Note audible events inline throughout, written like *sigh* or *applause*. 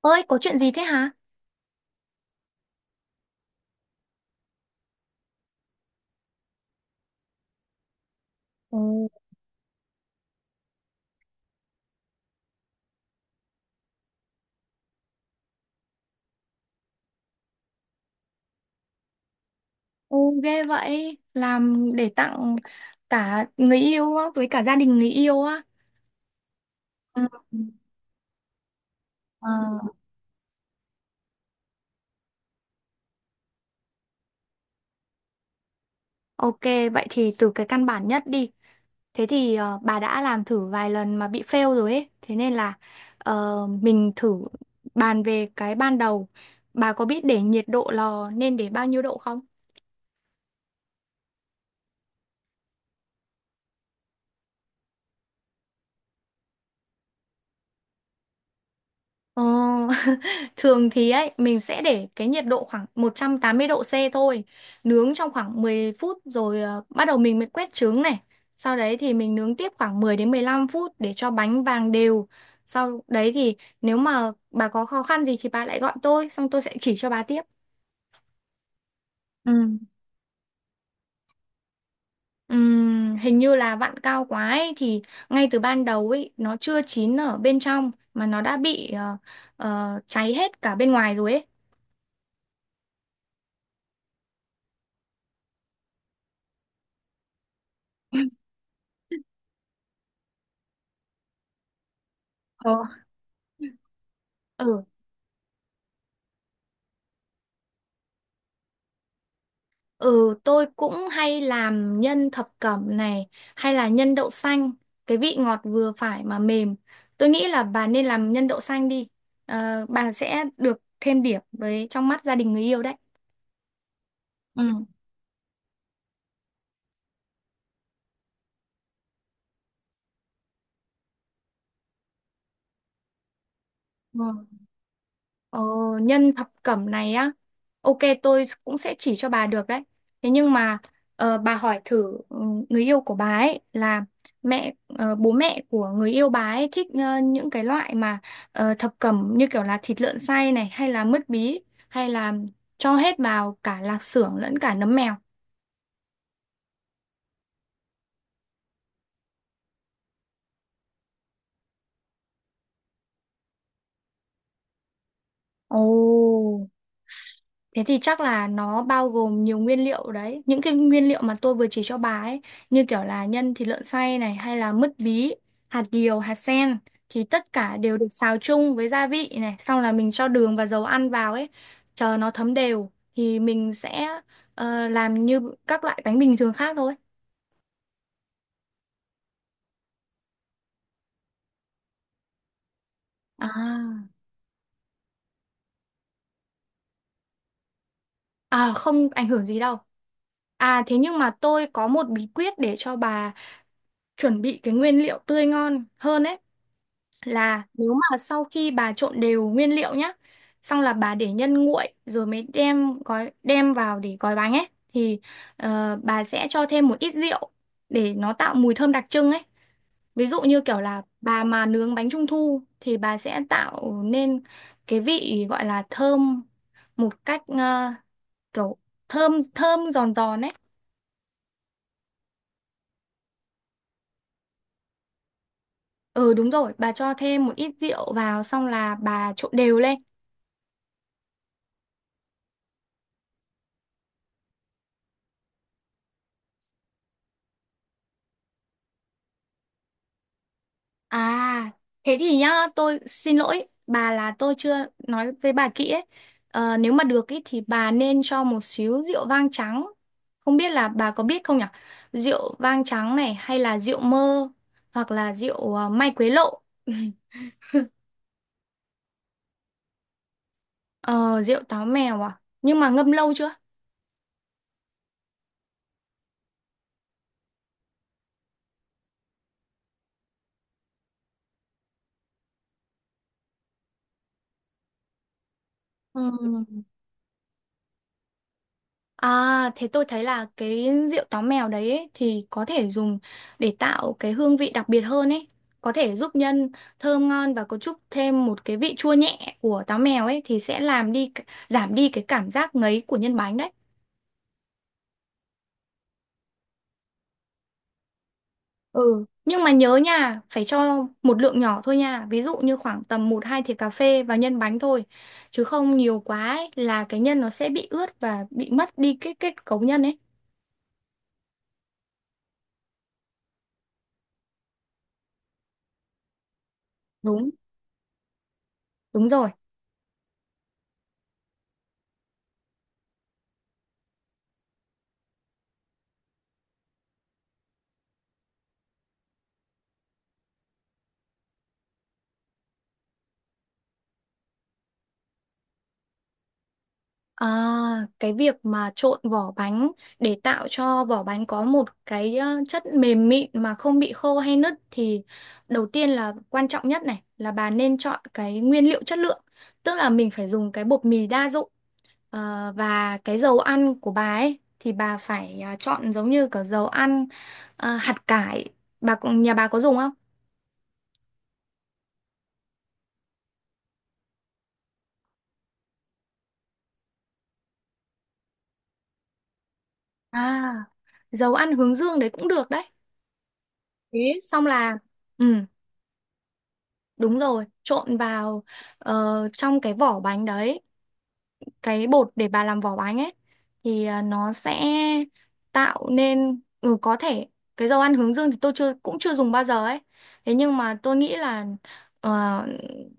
Ơi, có chuyện gì thế hả? Ồ, ồ, ghê vậy. Làm để tặng cả người yêu á, với cả gia đình người yêu á. Ừ. Ờ, ok, vậy thì từ cái căn bản nhất đi. Thế thì bà đã làm thử vài lần mà bị fail rồi ấy. Thế nên là mình thử bàn về cái ban đầu. Bà có biết để nhiệt độ lò nên để bao nhiêu độ không? Ờ, *laughs* thường thì ấy mình sẽ để cái nhiệt độ khoảng 180 độ C thôi, nướng trong khoảng 10 phút rồi bắt đầu mình mới quét trứng này. Sau đấy thì mình nướng tiếp khoảng 10 đến 15 phút để cho bánh vàng đều. Sau đấy thì nếu mà bà có khó khăn gì thì bà lại gọi tôi, xong tôi sẽ chỉ cho bà tiếp. Ừ. Hình như là vặn cao quá ấy, thì ngay từ ban đầu ấy nó chưa chín ở bên trong mà nó đã bị cháy hết cả bên ngoài rồi ấy. *laughs* Ồ. Ừ. Ừ, tôi cũng hay làm nhân thập cẩm này, hay là nhân đậu xanh, cái vị ngọt vừa phải mà mềm. Tôi nghĩ là bà nên làm nhân đậu xanh đi. Ờ, bà sẽ được thêm điểm với trong mắt gia đình người yêu đấy. Ừ. Ừ. Ờ, nhân thập cẩm này á, ok tôi cũng sẽ chỉ cho bà được đấy. Thế nhưng mà bà hỏi thử người yêu của bà ấy là bố mẹ của người yêu bà ấy thích những cái loại mà thập cẩm như kiểu là thịt lợn xay này, hay là mứt bí, hay là cho hết vào cả lạc xưởng lẫn cả nấm mèo. Ồ. Thế thì chắc là nó bao gồm nhiều nguyên liệu đấy. Những cái nguyên liệu mà tôi vừa chỉ cho bà ấy, như kiểu là nhân thịt lợn xay này hay là mứt bí, hạt điều, hạt sen thì tất cả đều được xào chung với gia vị này, xong là mình cho đường và dầu ăn vào ấy, chờ nó thấm đều thì mình sẽ làm như các loại bánh bình thường khác thôi. À, à không ảnh hưởng gì đâu. À thế nhưng mà tôi có một bí quyết để cho bà chuẩn bị cái nguyên liệu tươi ngon hơn ấy. Là nếu mà sau khi bà trộn đều nguyên liệu nhá, xong là bà để nhân nguội rồi mới đem gói, đem vào để gói bánh ấy, thì bà sẽ cho thêm một ít rượu để nó tạo mùi thơm đặc trưng ấy. Ví dụ như kiểu là bà mà nướng bánh trung thu thì bà sẽ tạo nên cái vị gọi là thơm một cách ờ, kiểu thơm thơm giòn giòn ấy. Ừ đúng rồi, bà cho thêm một ít rượu vào xong là bà trộn đều lên. À, thế thì nhá, tôi xin lỗi bà là tôi chưa nói với bà kỹ ấy. Ờ, nếu mà được ý, thì bà nên cho một xíu rượu vang trắng. Không biết là bà có biết không nhỉ? Rượu vang trắng này hay là rượu mơ, hoặc là rượu mai quế lộ. Ờ, rượu táo mèo à? Nhưng mà ngâm lâu chưa? Ừ. À, thế tôi thấy là cái rượu táo mèo đấy ấy, thì có thể dùng để tạo cái hương vị đặc biệt hơn ấy. Có thể giúp nhân thơm ngon và có chút thêm một cái vị chua nhẹ của táo mèo ấy thì sẽ làm đi giảm đi cái cảm giác ngấy của nhân bánh đấy. Ừ, nhưng mà nhớ nha, phải cho một lượng nhỏ thôi nha. Ví dụ như khoảng tầm một 2 thìa cà phê vào nhân bánh thôi. Chứ không nhiều quá ấy, là cái nhân nó sẽ bị ướt và bị mất đi cái kết cấu nhân ấy. Đúng, đúng rồi. À, cái việc mà trộn vỏ bánh để tạo cho vỏ bánh có một cái chất mềm mịn mà không bị khô hay nứt thì đầu tiên là quan trọng nhất này là bà nên chọn cái nguyên liệu chất lượng. Tức là mình phải dùng cái bột mì đa dụng. Ờ, và cái dầu ăn của bà ấy thì bà phải chọn giống như cả dầu ăn hạt cải. Bà cũng nhà bà có dùng không? À, dầu ăn hướng dương đấy cũng được đấy. Thế xong là ừ. Đúng rồi, trộn vào trong cái vỏ bánh đấy, cái bột để bà làm vỏ bánh ấy thì nó sẽ tạo nên có thể cái dầu ăn hướng dương thì tôi chưa, cũng chưa dùng bao giờ ấy. Thế nhưng mà tôi nghĩ là ờ,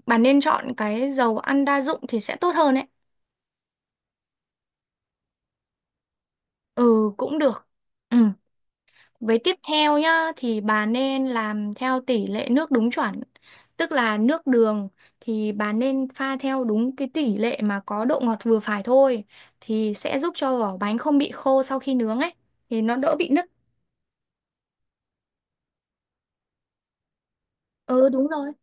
bà nên chọn cái dầu ăn đa dụng thì sẽ tốt hơn ấy. Ừ cũng được. Ừ. Với tiếp theo nhá thì bà nên làm theo tỷ lệ nước đúng chuẩn. Tức là nước đường thì bà nên pha theo đúng cái tỷ lệ mà có độ ngọt vừa phải thôi thì sẽ giúp cho vỏ bánh không bị khô sau khi nướng ấy, thì nó đỡ bị nứt. Ừ đúng rồi.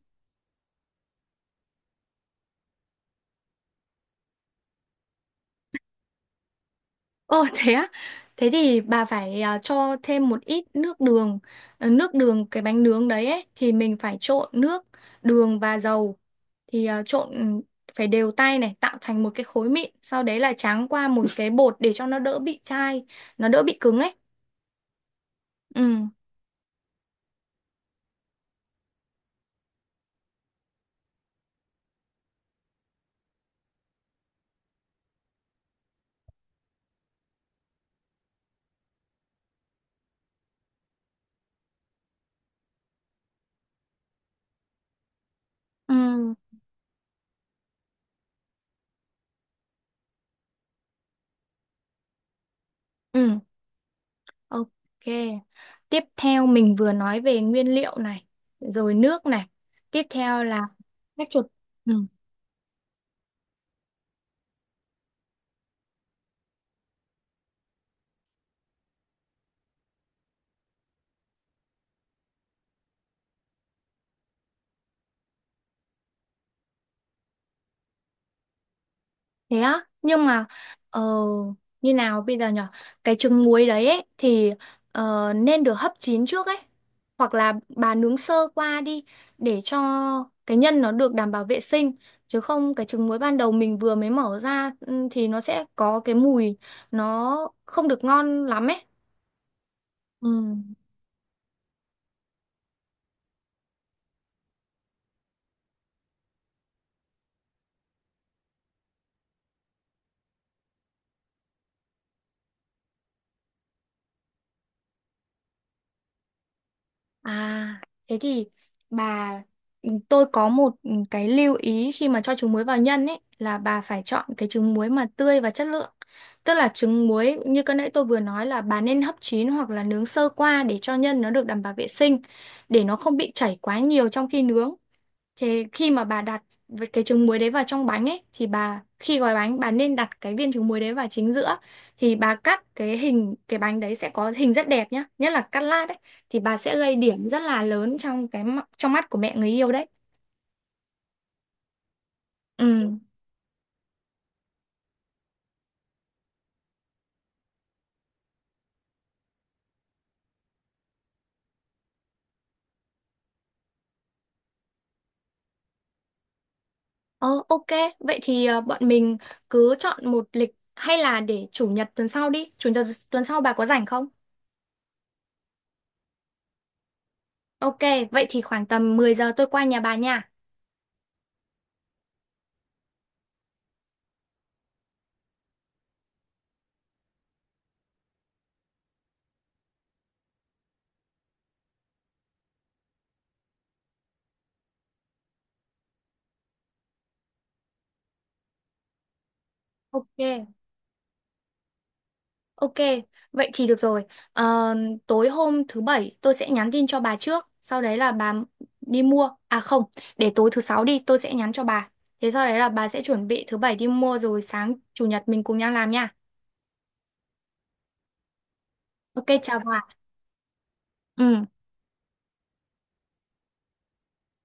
Ồ thế á, thế thì bà phải à, cho thêm một ít nước đường. Ờ, nước đường cái bánh nướng đấy ấy, thì mình phải trộn nước, đường và dầu, thì phải đều tay này, tạo thành một cái khối mịn, sau đấy là tráng qua một cái bột để cho nó đỡ bị chai, nó đỡ bị cứng ấy. Ừ, ừ, ừ, ok. Tiếp theo mình vừa nói về nguyên liệu này, rồi nước này, tiếp theo là cách chuột. Ừ. Thế á, nhưng mà ờ, như nào bây giờ nhở? Cái trứng muối đấy ấy, thì nên được hấp chín trước ấy. Hoặc là bà nướng sơ qua đi để cho cái nhân nó được đảm bảo vệ sinh. Chứ không cái trứng muối ban đầu mình vừa mới mở ra thì nó sẽ có cái mùi nó không được ngon lắm ấy. Ừ. À, thế thì bà tôi có một cái lưu ý khi mà cho trứng muối vào nhân ấy là bà phải chọn cái trứng muối mà tươi và chất lượng. Tức là trứng muối như cái nãy tôi vừa nói là bà nên hấp chín hoặc là nướng sơ qua để cho nhân nó được đảm bảo vệ sinh, để nó không bị chảy quá nhiều trong khi nướng. Thế khi mà bà đặt cái trứng muối đấy vào trong bánh ấy thì bà khi gói bánh, bà nên đặt cái viên trứng muối đấy vào chính giữa thì bà cắt cái hình cái bánh đấy sẽ có hình rất đẹp nhá, nhất là cắt lát ấy, thì bà sẽ gây điểm rất là lớn trong trong mắt của mẹ người yêu đấy. Ừ. Ờ ok, vậy thì bọn mình cứ chọn một lịch hay là để chủ nhật tuần sau đi. Chủ nhật tuần sau bà có rảnh không? Ok, vậy thì khoảng tầm 10 giờ tôi qua nhà bà nha. Ok. Ok, vậy thì được rồi. Ờ, tối hôm thứ bảy tôi sẽ nhắn tin cho bà trước, sau đấy là bà đi mua. À không, để tối thứ sáu đi, tôi sẽ nhắn cho bà. Thế sau đấy là bà sẽ chuẩn bị thứ bảy đi mua rồi sáng chủ nhật mình cùng nhau làm nha. Ok, chào bà. Ừ.